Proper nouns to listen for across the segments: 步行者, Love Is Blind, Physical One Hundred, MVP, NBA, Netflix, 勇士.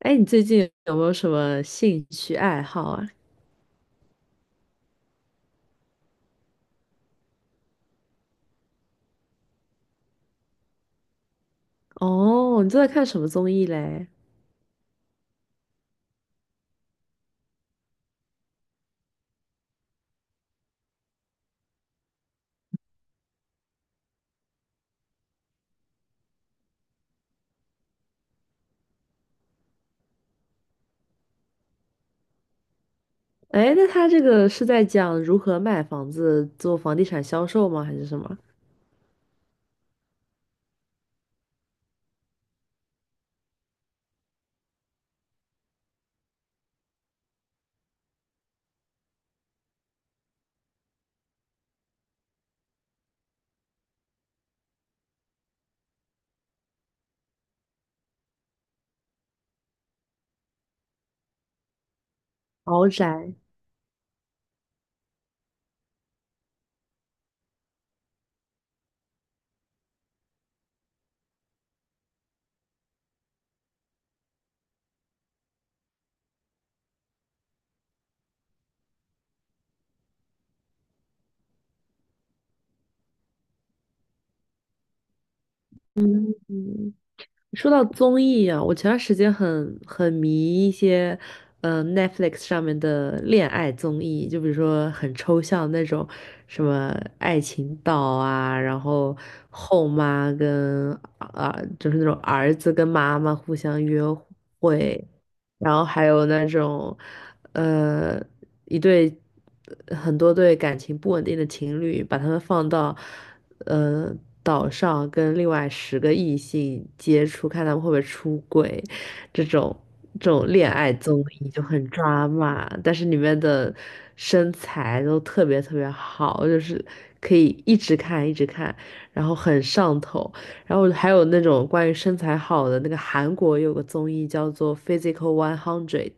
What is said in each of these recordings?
哎，你最近有没有什么兴趣爱好啊？哦，你正在看什么综艺嘞？哎，那他这个是在讲如何卖房子、做房地产销售吗？还是什么？豪宅？嗯说到综艺啊，我前段时间很迷一些，Netflix 上面的恋爱综艺，就比如说很抽象那种，什么爱情岛啊，然后后妈跟啊，就是那种儿子跟妈妈互相约会，然后还有那种，呃，一对很多对感情不稳定的情侣，把他们放到，呃岛上跟另外10个异性接触，看他们会不会出轨，这种这种恋爱综艺就很抓马，但是里面的身材都特别特别好，就是可以一直看一直看，然后很上头。然后还有那种关于身材好的，那个韩国有个综艺叫做《Physical One Hundred》，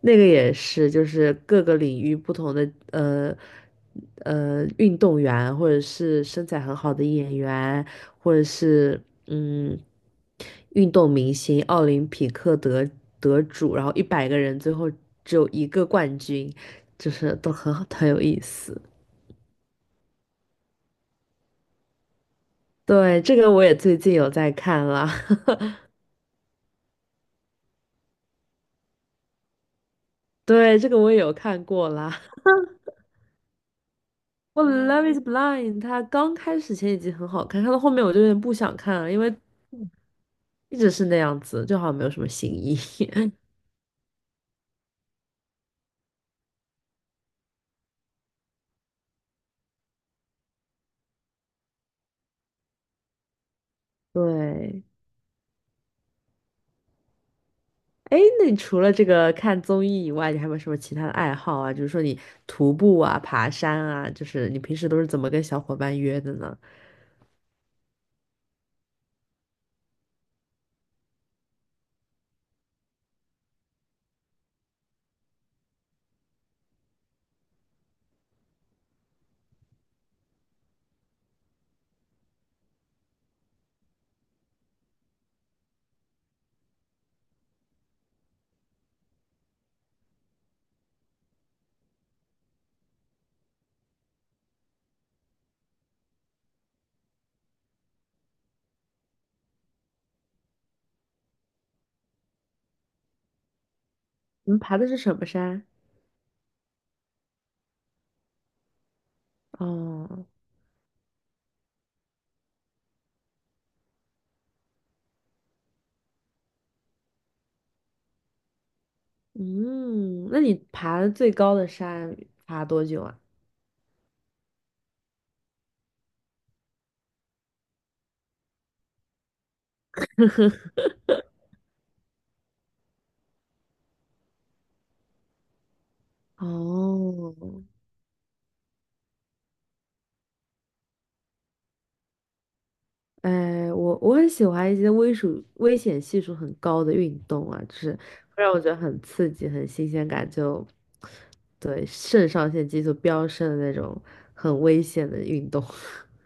那个也是，就是各个领域不同的运动员，或者是身材很好的演员，或者是嗯运动明星、奥林匹克得主，然后100个人最后只有一个冠军，就是都很好，很有意思。对，这个我也最近有在看啦。对，这个我也有看过啦。我《Love Is Blind》它刚开始前几集很好看，看到后面我就有点不想看了，因为一直是那样子，就好像没有什么新意。对，哎，那你除了这个看综艺以外，你还有没有什么其他的爱好啊？就是说你徒步啊、爬山啊，就是你平时都是怎么跟小伙伴约的呢？你们爬的是什么山？哦，嗯，那你爬的最高的山爬多久啊？哦，哎，我很喜欢一些危险系数很高的运动啊，就是会让我觉得很刺激、很新鲜感就，对，肾上腺激素飙升的那种很危险的运动。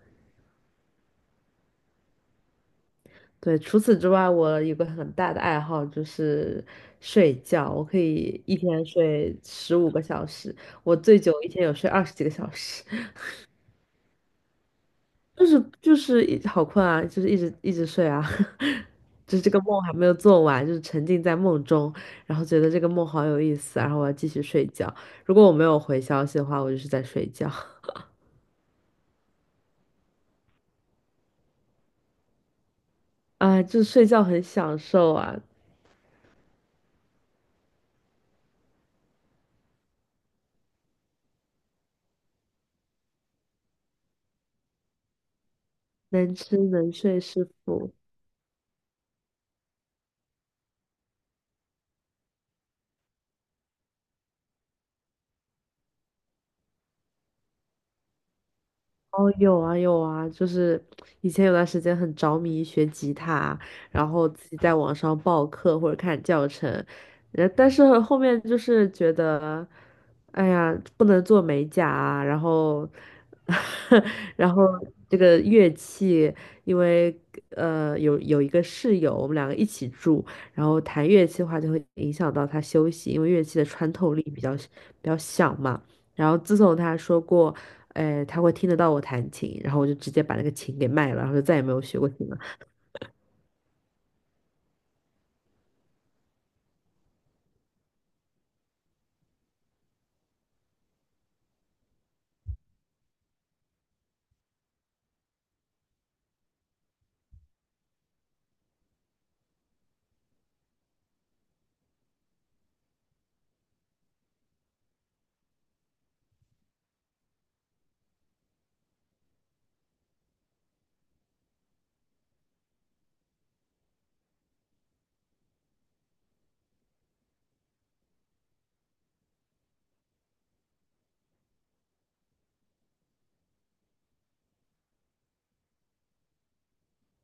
对，除此之外，我有个很大的爱好就是睡觉，我可以一天睡15个小时，我最久一天有睡20几个小时。就是一好困啊，就是一直一直睡啊，就是这个梦还没有做完，就是沉浸在梦中，然后觉得这个梦好有意思，然后我要继续睡觉。如果我没有回消息的话，我就是在睡觉。 啊，就是睡觉很享受啊，能吃能睡是福。哦，有啊有啊，就是以前有段时间很着迷学吉他，然后自己在网上报课或者看教程，但是后面就是觉得，哎呀，不能做美甲啊，然后，然后这个乐器，因为有一个室友，我们两个一起住，然后弹乐器的话就会影响到他休息，因为乐器的穿透力比较小嘛。然后自从他说过，哎，他会听得到我弹琴，然后我就直接把那个琴给卖了，然后就再也没有学过琴了。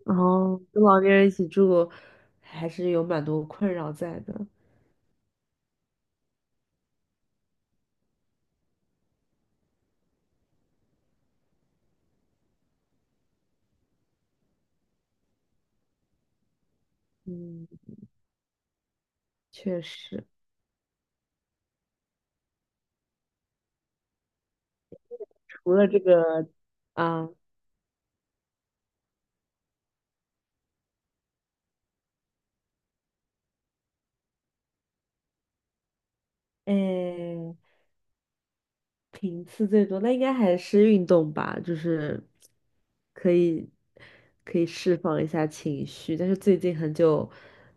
然后跟老年人一起住，还是有蛮多困扰在的。嗯，确实，除了这个啊，哎，频次最多，那应该还是运动吧，就是可以可以释放一下情绪，但是最近很久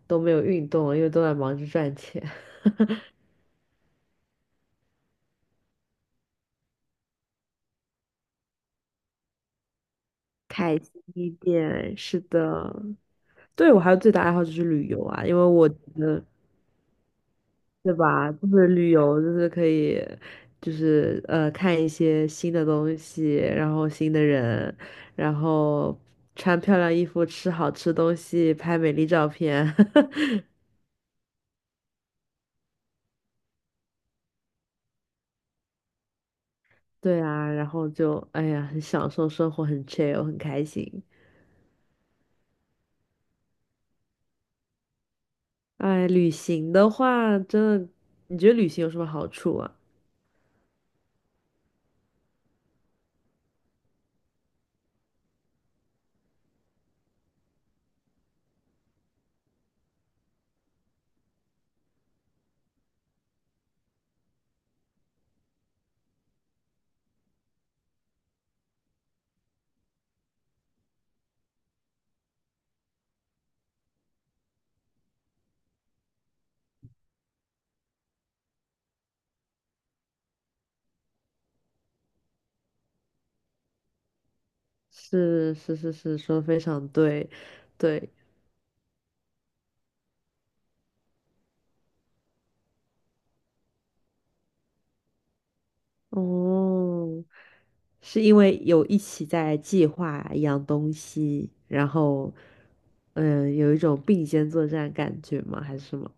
都没有运动了，因为都在忙着赚钱。开心一点，是的。对，我还有最大爱好就是旅游啊，因为我觉得，对吧？就是旅游，就是可以，就是看一些新的东西，然后新的人，然后穿漂亮衣服，吃好吃东西，拍美丽照片。对啊，然后就哎呀，很享受生活，很 chill，很开心。哎，旅行的话，真的，你觉得旅行有什么好处啊？是是是是，说得非常对，对，哦，是因为有一起在计划一样东西，然后，嗯，有一种并肩作战感觉吗？还是什么？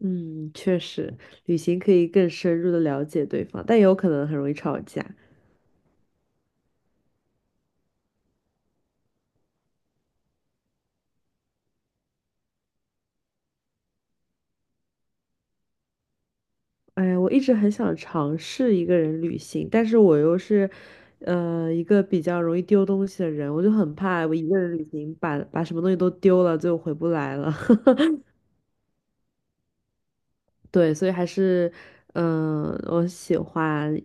嗯，确实，旅行可以更深入的了解对方，但也有可能很容易吵架。哎呀，我一直很想尝试一个人旅行，但是我又是，一个比较容易丢东西的人，我就很怕我一个人旅行把什么东西都丢了，最后回不来了。对，所以还是，我喜欢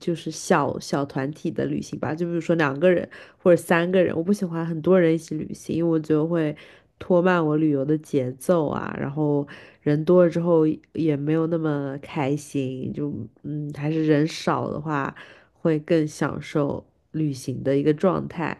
就是小小团体的旅行吧，就比如说两个人或者3个人，我不喜欢很多人一起旅行，因为我觉得会拖慢我旅游的节奏啊，然后人多了之后也没有那么开心，就还是人少的话会更享受旅行的一个状态。